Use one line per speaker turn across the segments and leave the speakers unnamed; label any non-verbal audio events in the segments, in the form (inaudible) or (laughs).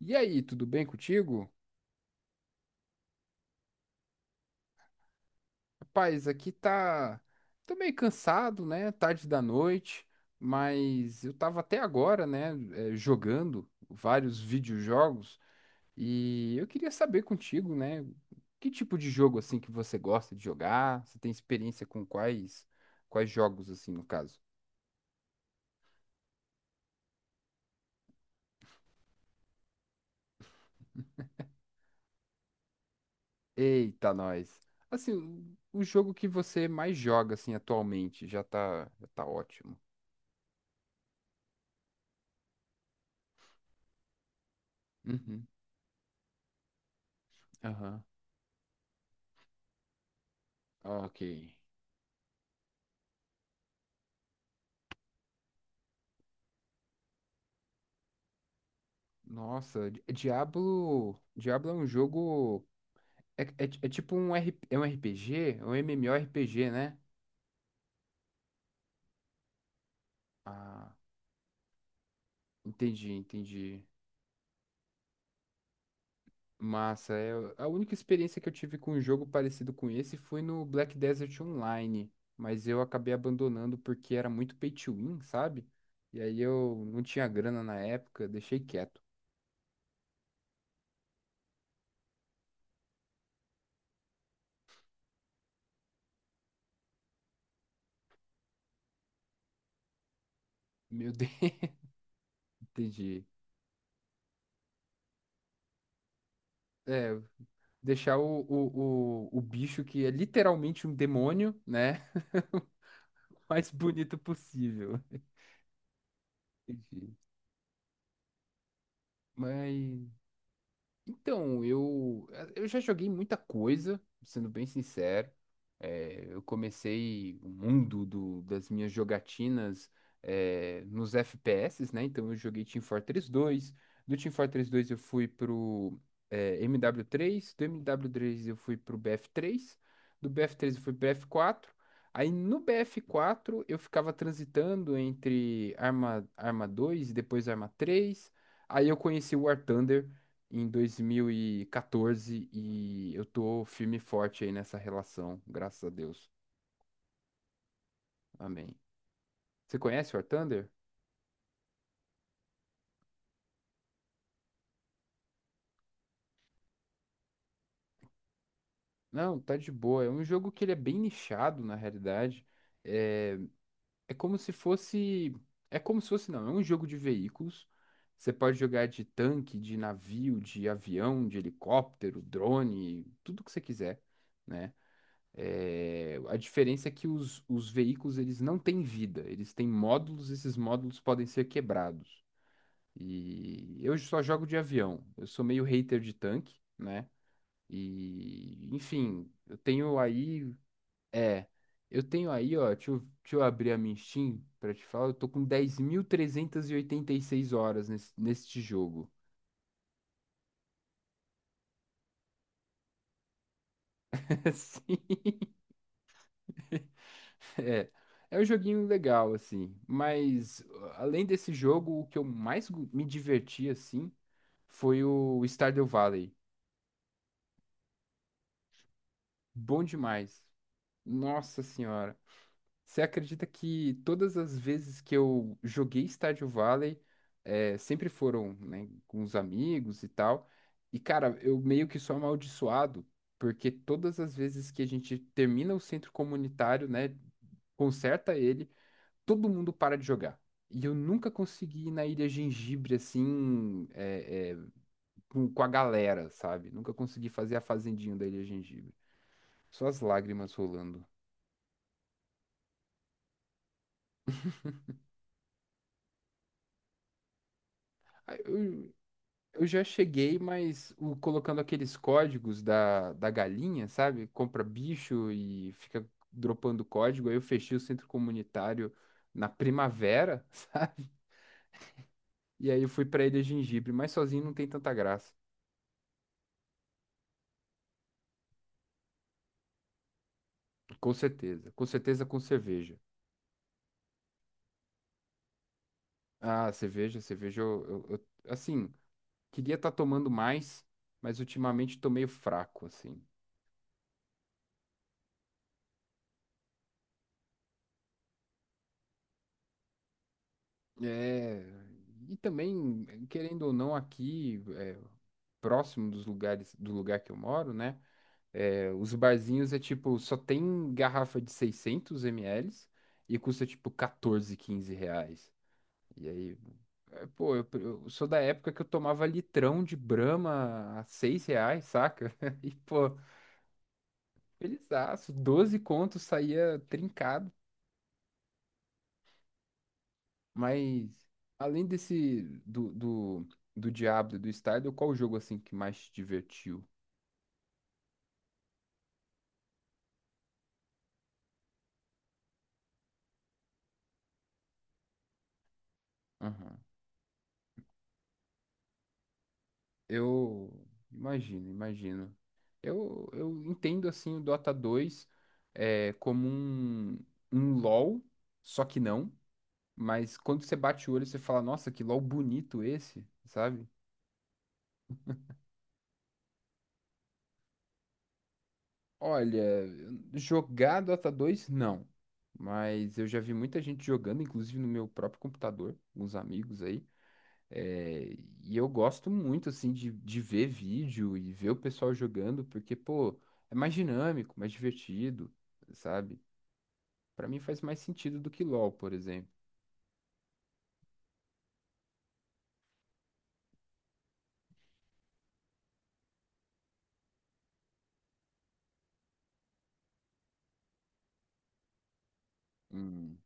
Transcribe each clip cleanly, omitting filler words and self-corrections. E aí, tudo bem contigo? Rapaz, aqui tá. Tô meio cansado, né? Tarde da noite, mas eu tava até agora, né? Jogando vários videojogos e eu queria saber contigo, né? Que tipo de jogo assim que você gosta de jogar? Você tem experiência com quais jogos assim, no caso? Eita, nós. Assim, o jogo que você mais joga assim atualmente já tá ótimo. Uhum. Aham. Ok. Nossa, Diablo é um jogo. É tipo um, R, é um RPG, é um MMORPG, né? Ah, entendi, entendi. Massa, é, a única experiência que eu tive com um jogo parecido com esse foi no Black Desert Online, mas eu acabei abandonando porque era muito pay to win, sabe? E aí eu não tinha grana na época, deixei quieto. Meu Deus, (laughs) entendi. É, deixar o bicho que é literalmente um demônio, né? (laughs) mais bonito possível. (laughs) Entendi. Mas. Então, eu já joguei muita coisa, sendo bem sincero. É, eu comecei o mundo das minhas jogatinas, nos FPS, né? Então eu joguei Team Fortress 2. Do Team Fortress dois eu fui pro MW3. Do mw três eu fui pro BF3. Do bf três eu fui pro BF4. Aí no BF4 eu ficava transitando entre Arma, Arma 2 e depois Arma 3. Aí eu conheci o War Thunder em 2014 e quatorze e eu tô firme e forte aí nessa relação, graças a Deus. Amém. Você conhece War Thunder? Não, tá de boa. É um jogo que ele é bem nichado, na realidade. É, é como se fosse. É como se fosse, não. É um jogo de veículos. Você pode jogar de tanque, de navio, de avião, de helicóptero, drone, tudo que você quiser, né? É, a diferença é que os veículos eles não têm vida, eles têm módulos, esses módulos podem ser quebrados. E eu só jogo de avião, eu sou meio hater de tanque, né? E enfim, é, eu tenho aí, ó, deixa eu abrir a minha Steam pra te falar, eu tô com dez mil trezentas e oitenta e seis horas neste jogo. (laughs) É, é um joguinho legal, assim. Mas, além desse jogo, o que eu mais me diverti, assim, foi o Stardew Valley. Bom demais. Nossa Senhora. Você acredita que todas as vezes que eu joguei Stardew Valley, é, sempre foram, né, com os amigos e tal. E, cara, eu meio que sou amaldiçoado, porque todas as vezes que a gente termina o centro comunitário, né, conserta ele, todo mundo para de jogar. E eu nunca consegui ir na Ilha Gengibre assim, com a galera, sabe? Nunca consegui fazer a fazendinha da Ilha Gengibre. Só as lágrimas rolando. Ah, eu já cheguei, mas colocando aqueles códigos da galinha, sabe? Compra bicho e fica dropando código. Aí eu fechei o centro comunitário na primavera, (laughs) sabe? E aí eu fui pra Ilha Gengibre, mas sozinho não tem tanta graça. Com certeza. Com certeza com cerveja. Ah, cerveja, assim, queria estar tomando mais, mas ultimamente tô meio fraco, assim. É, e também, querendo ou não, aqui, próximo do lugar que eu moro, né? É, os barzinhos é tipo, só tem garrafa de 600 ml e custa tipo 14, R$ 15. E aí, pô, eu sou da época que eu tomava litrão de Brahma a R$ 6, saca? (laughs) E, pô, felizaço, 12 contos saía trincado, mas além desse do Diablo e do Stardew, qual o jogo assim que mais te divertiu? Aham. Eu imagino, imagino. Eu entendo assim o Dota 2 como um LoL, só que não, mas quando você bate o olho você fala, nossa, que LoL bonito esse, sabe? Olha, jogar Dota dois, não. Mas eu já vi muita gente jogando, inclusive no meu próprio computador, alguns amigos aí. É, e eu gosto muito, assim, de ver vídeo e ver o pessoal jogando, porque, pô, é mais dinâmico, mais divertido, sabe? Pra mim faz mais sentido do que LoL, por exemplo. Hum,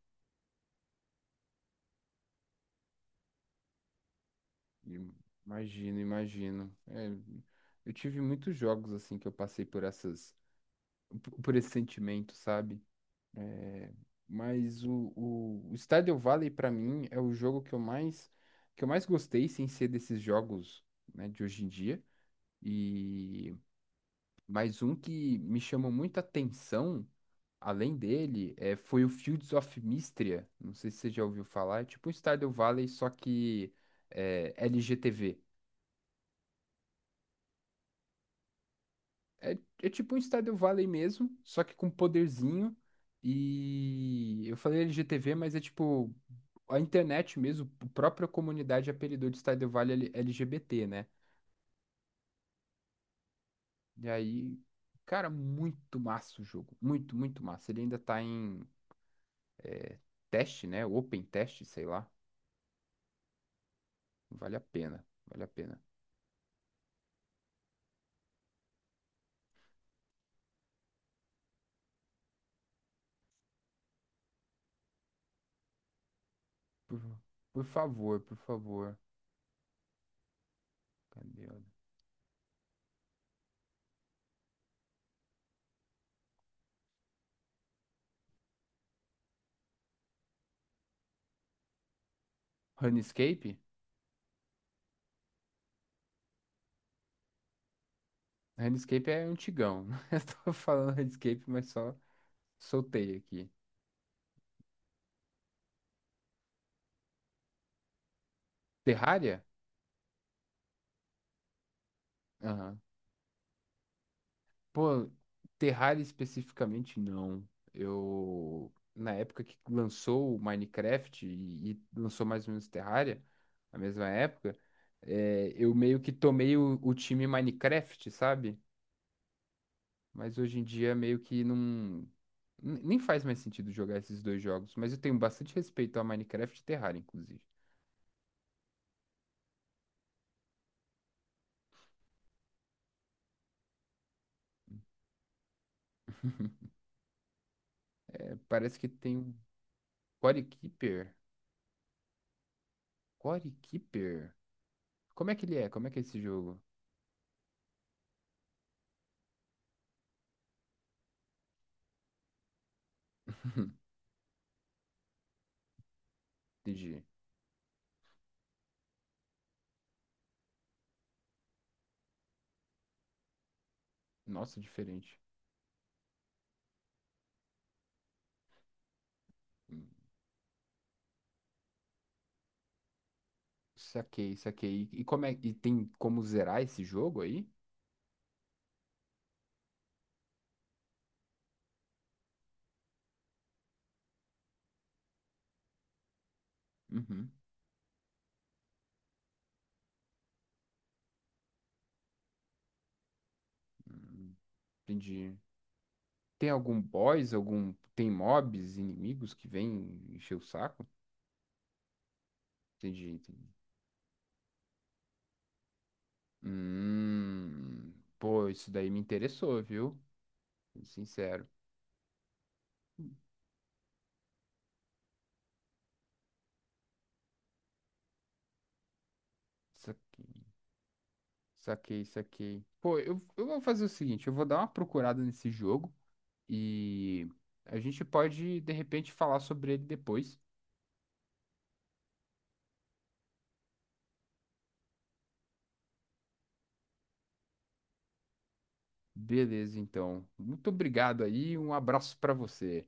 imagino, imagino. É, eu tive muitos jogos, assim, que eu passei por esse sentimento, sabe? Mas o Stardew Valley, pra mim, é o jogo que eu mais gostei, sem ser desses jogos, né, de hoje em dia. E mais um que me chamou muita atenção, além dele, foi o Fields of Mistria. Não sei se você já ouviu falar. É tipo um Stardew Valley, só que LGTV. É, é tipo um Stardew Valley mesmo, só que com poderzinho. E eu falei LGTV, mas é tipo a internet mesmo, a própria comunidade apelidou de Stardew Valley LGBT, né? E aí, cara, muito massa o jogo. Muito, muito massa. Ele ainda tá em teste, né? Open teste, sei lá. Vale a pena, vale a pena. Por, por favor, por favor. Cadê? Runescape? Runescape é antigão. (laughs) Eu tô falando Runescape, mas só soltei aqui. Terraria? Aham. Pô, Terraria especificamente não. Eu, na época que lançou o Minecraft e lançou mais ou menos Terraria, na mesma época, eu meio que tomei o time Minecraft, sabe? Mas hoje em dia meio que não. Nem faz mais sentido jogar esses dois jogos, mas eu tenho bastante respeito a Minecraft e Terraria, inclusive. É, parece que tem um Core Keeper. Core Keeper? Como é que ele é? Como é que é esse jogo? (laughs) Entendi. Nossa, diferente. Hum, Saquei, saquei. E como é, e tem como zerar esse jogo aí? Uhum. Hum, entendi. Tem algum boss, tem mobs, inimigos que vêm encher o saco? Entendi, entendi. Hum, pô, isso daí me interessou, viu? Sendo sincero. Saquei, saquei, saquei. Pô, eu vou fazer o seguinte, eu vou dar uma procurada nesse jogo e a gente pode, de repente, falar sobre ele depois. Beleza, então. Muito obrigado aí, um abraço para você.